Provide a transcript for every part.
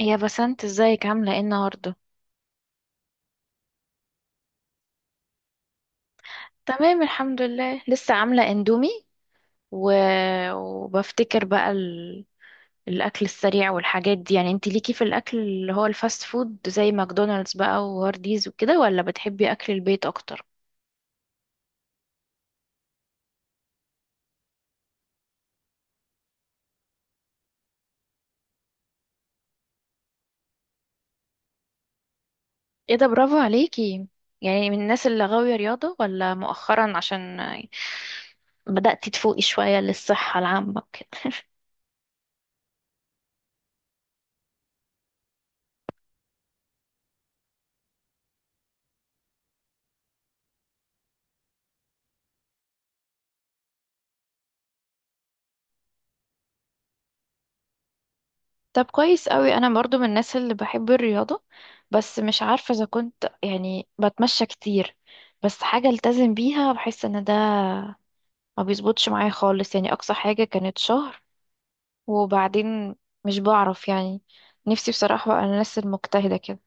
يا بسنت، ازيك؟ عاملة ايه النهاردة؟ تمام الحمد لله، لسه عاملة اندومي و... وبفتكر بقى الأكل السريع والحاجات دي. يعني انتي ليكي في الأكل اللي هو الفاست فود زي ماكدونالدز بقى وهارديز وكده، ولا بتحبي أكل البيت أكتر؟ ايه ده، برافو عليكي. يعني من الناس اللي غاوية رياضة، ولا مؤخرا عشان بدأتي تفوقي شوية للصحة العامة كده؟ طب كويس قوي، انا برضو من الناس اللي بحب الرياضة، بس مش عارفة اذا كنت يعني بتمشى كتير. بس حاجة التزم بيها، بحس ان ده ما بيظبطش معايا خالص. يعني اقصى حاجة كانت شهر وبعدين مش بعرف يعني. نفسي بصراحة بقى الناس المجتهدة كده.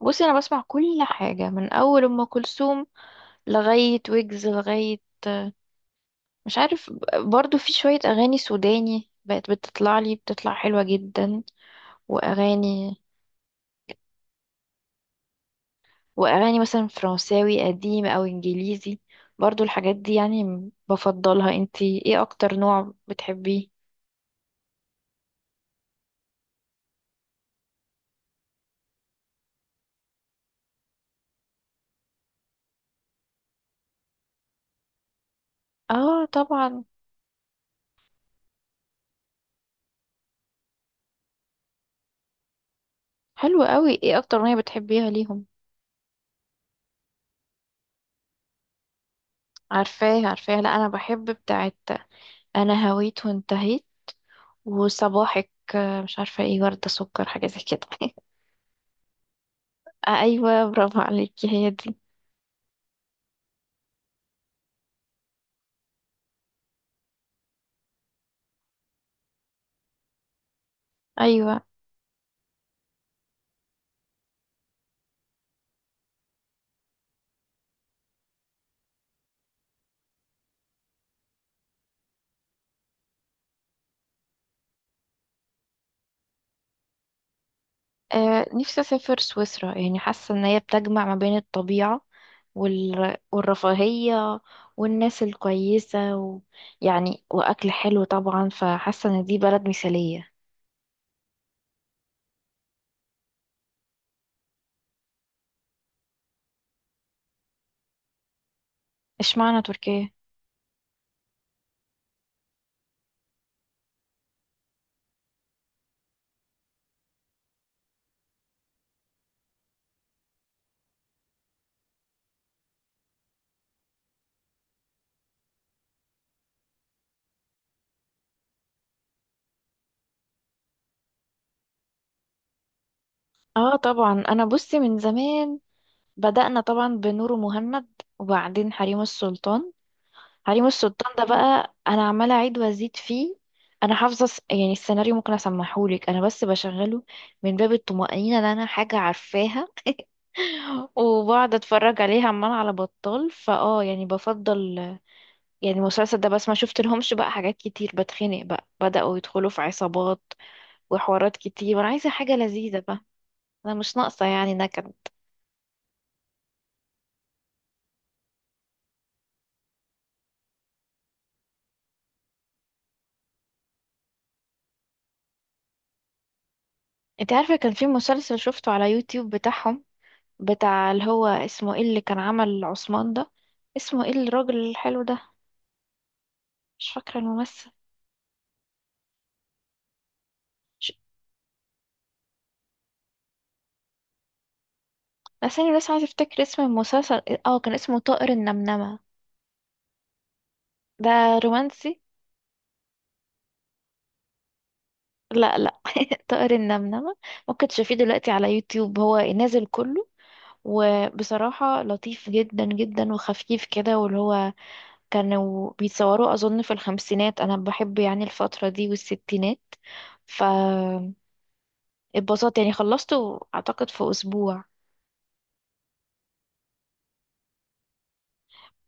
بصي، انا بسمع كل حاجة، من اول ام كلثوم لغاية ويجز، لغاية مش عارف. برضو في شوية اغاني سوداني بقت بتطلع لي، بتطلع حلوة جدا. واغاني، واغاني مثلا فرنساوي قديم او انجليزي، برضو الحاجات دي يعني. بفضلها. انتي ايه اكتر نوع بتحبيه؟ اه طبعا. حلو قوي، ايه اكتر اغنيه بتحبيها ليهم؟ عارفاه عارفاه، لا انا بحب بتاعت انا هويت وانتهيت، وصباحك. مش عارفه ايه، ورده سكر، حاجه زي كده. آه، ايوه، برافو عليكي، هي دي. ايوه. آه، نفسي أسافر سويسرا. يعني حاسة إن هي بتجمع ما بين الطبيعة والرفاهية والناس الكويسة يعني وأكل حلو طبعا، فحاسة إن دي بلد مثالية. اشمعنى تركيا؟ اه طبعا. أنا بصي من زمان بدأنا، طبعا، بنور مهند، وبعدين حريم السلطان. حريم السلطان ده بقى أنا عمالة أعيد وأزيد فيه. أنا حافظة يعني السيناريو، ممكن أسمحهولك. أنا بس بشغله من باب الطمأنينة إن أنا حاجة عارفاها، وبقعد اتفرج عليه عمال على بطال. فاه، يعني بفضل يعني المسلسل ده بس. ما شفت لهمش بقى حاجات كتير بتخنق بقى، بدأوا يدخلوا في عصابات وحوارات كتير، وانا عايزة حاجة لذيذة بقى. انا مش ناقصة يعني نكد. انت عارفة، كان في مسلسل شفته على يوتيوب بتاعهم، بتاع اللي هو اسمه ايه، اللي كان عمل عثمان ده. اسمه ايه الراجل الحلو ده؟ مش فاكرة الممثل. مش- بس انا بس عايزة افتكر اسم المسلسل. اه كان اسمه طائر النمنمة ده، رومانسي. لا لا، طائر النمنمة. ممكن تشوفيه دلوقتي على يوتيوب، هو نازل كله. وبصراحة لطيف جدا جدا وخفيف كده، واللي هو كانوا بيتصوروا أظن في الخمسينات. أنا بحب يعني الفترة دي والستينات، فاتبسطت. يعني خلصته أعتقد في أسبوع.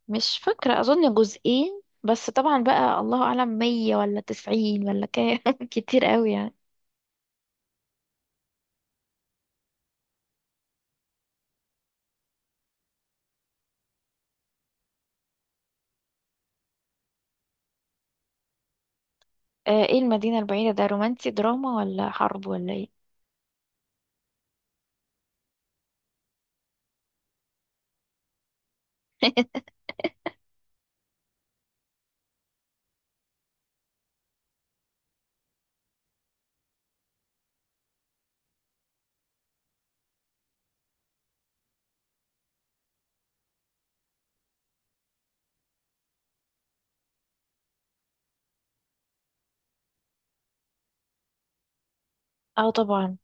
مش فاكرة، أظن جزئين بس، طبعا بقى الله أعلم، مية ولا تسعين ولا كام، كتير قوي يعني. آه، ايه المدينة البعيدة ده، رومانسي دراما ولا حرب ولا ايه؟ اه طبعا.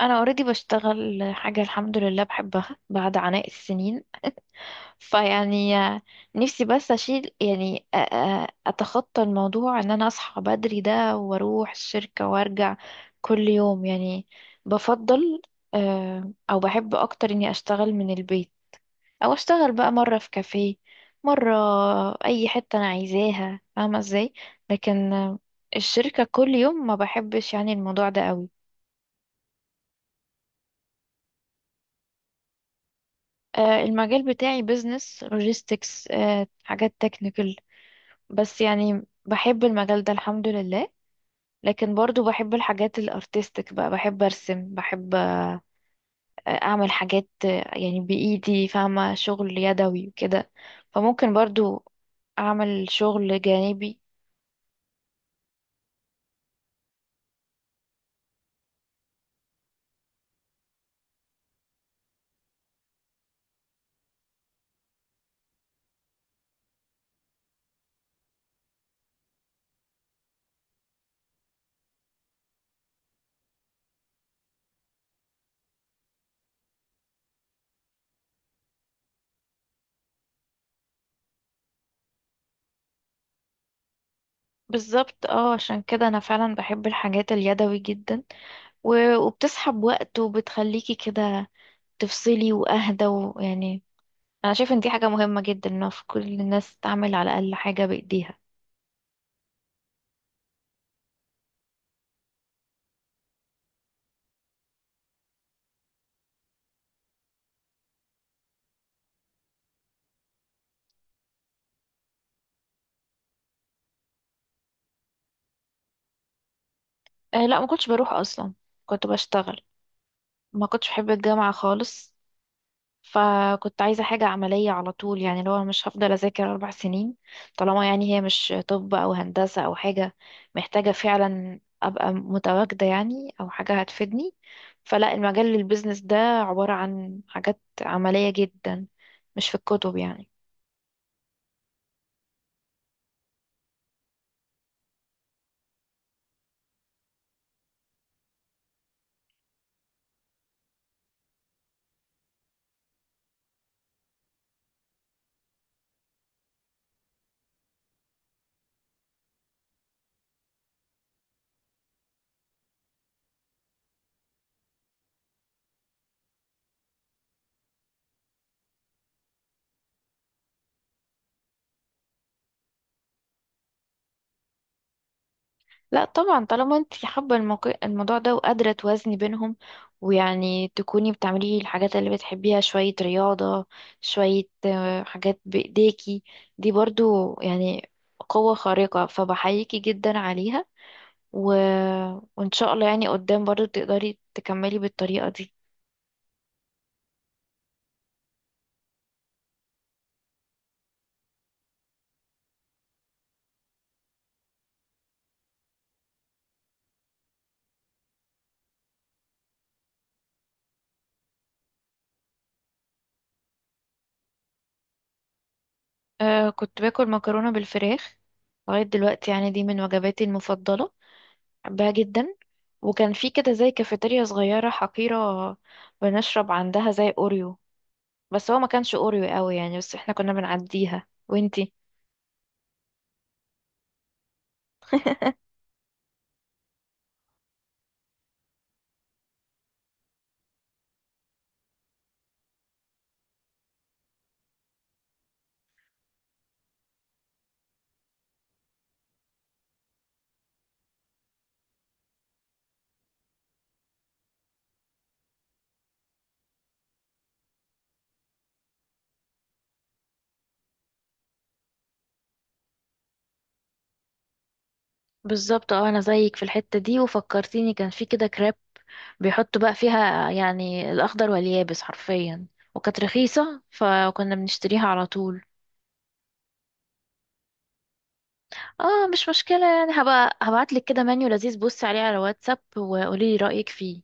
انا اوريدي بشتغل حاجه الحمد لله بحبها بعد عناء السنين. فيعني نفسي بس اشيل يعني اتخطى الموضوع ان انا اصحى بدري ده واروح الشركه وارجع كل يوم يعني. بفضل، آه، او بحب اكتر اني اشتغل من البيت، او اشتغل بقى مره في كافيه، مره اي حته انا عايزاها، فاهمه ازاي؟ لكن الشركه كل يوم ما بحبش يعني الموضوع ده قوي. آه، المجال بتاعي بيزنس لوجيستكس، حاجات تكنيكال. بس يعني بحب المجال ده الحمد لله. لكن برضو بحب الحاجات الارتستيك بقى، بحب ارسم، بحب اعمل حاجات، يعني بايدي، فاهمة، شغل يدوي وكده. فممكن برضو اعمل شغل جانبي. بالظبط، اه، عشان كده انا فعلا بحب الحاجات اليدوي جدا، وبتسحب وقت وبتخليكي كده تفصلي واهدى، ويعني انا شايف ان دي حاجه مهمه جدا، ان في كل الناس تعمل على الاقل حاجه بايديها. أه لا، ما كنتش بروح اصلا، كنت بشتغل. ما كنتش بحب الجامعه خالص، فكنت عايزه حاجه عمليه على طول. يعني لو أنا مش هفضل اذاكر اربع سنين، طالما يعني هي مش طب او هندسه او حاجه محتاجه فعلا ابقى متواجده يعني، او حاجه هتفيدني، فلا. المجال البيزنس ده عباره عن حاجات عمليه جدا، مش في الكتب يعني. لا طبعا، طالما انت حابة الموقع الموضوع ده وقادرة توازني بينهم، ويعني تكوني بتعملي الحاجات اللي بتحبيها، شوية رياضة، شوية، آه، حاجات بإيديكي، دي برضو يعني قوة خارقة، فبحييكي جدا عليها. و... وإن شاء الله يعني قدام برضو تقدري تكملي بالطريقة دي. أه، كنت باكل مكرونة بالفراخ لغاية دلوقتي. يعني دي من وجباتي المفضلة، بحبها جدا. وكان في كده زي كافيتيريا صغيرة حقيرة، بنشرب عندها زي أوريو، بس هو ما كانش أوريو قوي يعني، بس احنا كنا بنعديها. وانتي؟ بالظبط، اه، انا زيك في الحتة دي. وفكرتيني، كان في كده كريب بيحطوا بقى فيها يعني الأخضر واليابس حرفيا، وكانت رخيصة، فكنا بنشتريها على طول. اه مش مشكلة، يعني هبقى هبعتلك كده منيو لذيذ، بصي عليه على واتساب وقوليلي رأيك فيه.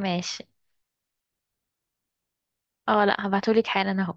ماشي. اه لا، هبعتهولك حالا اهو.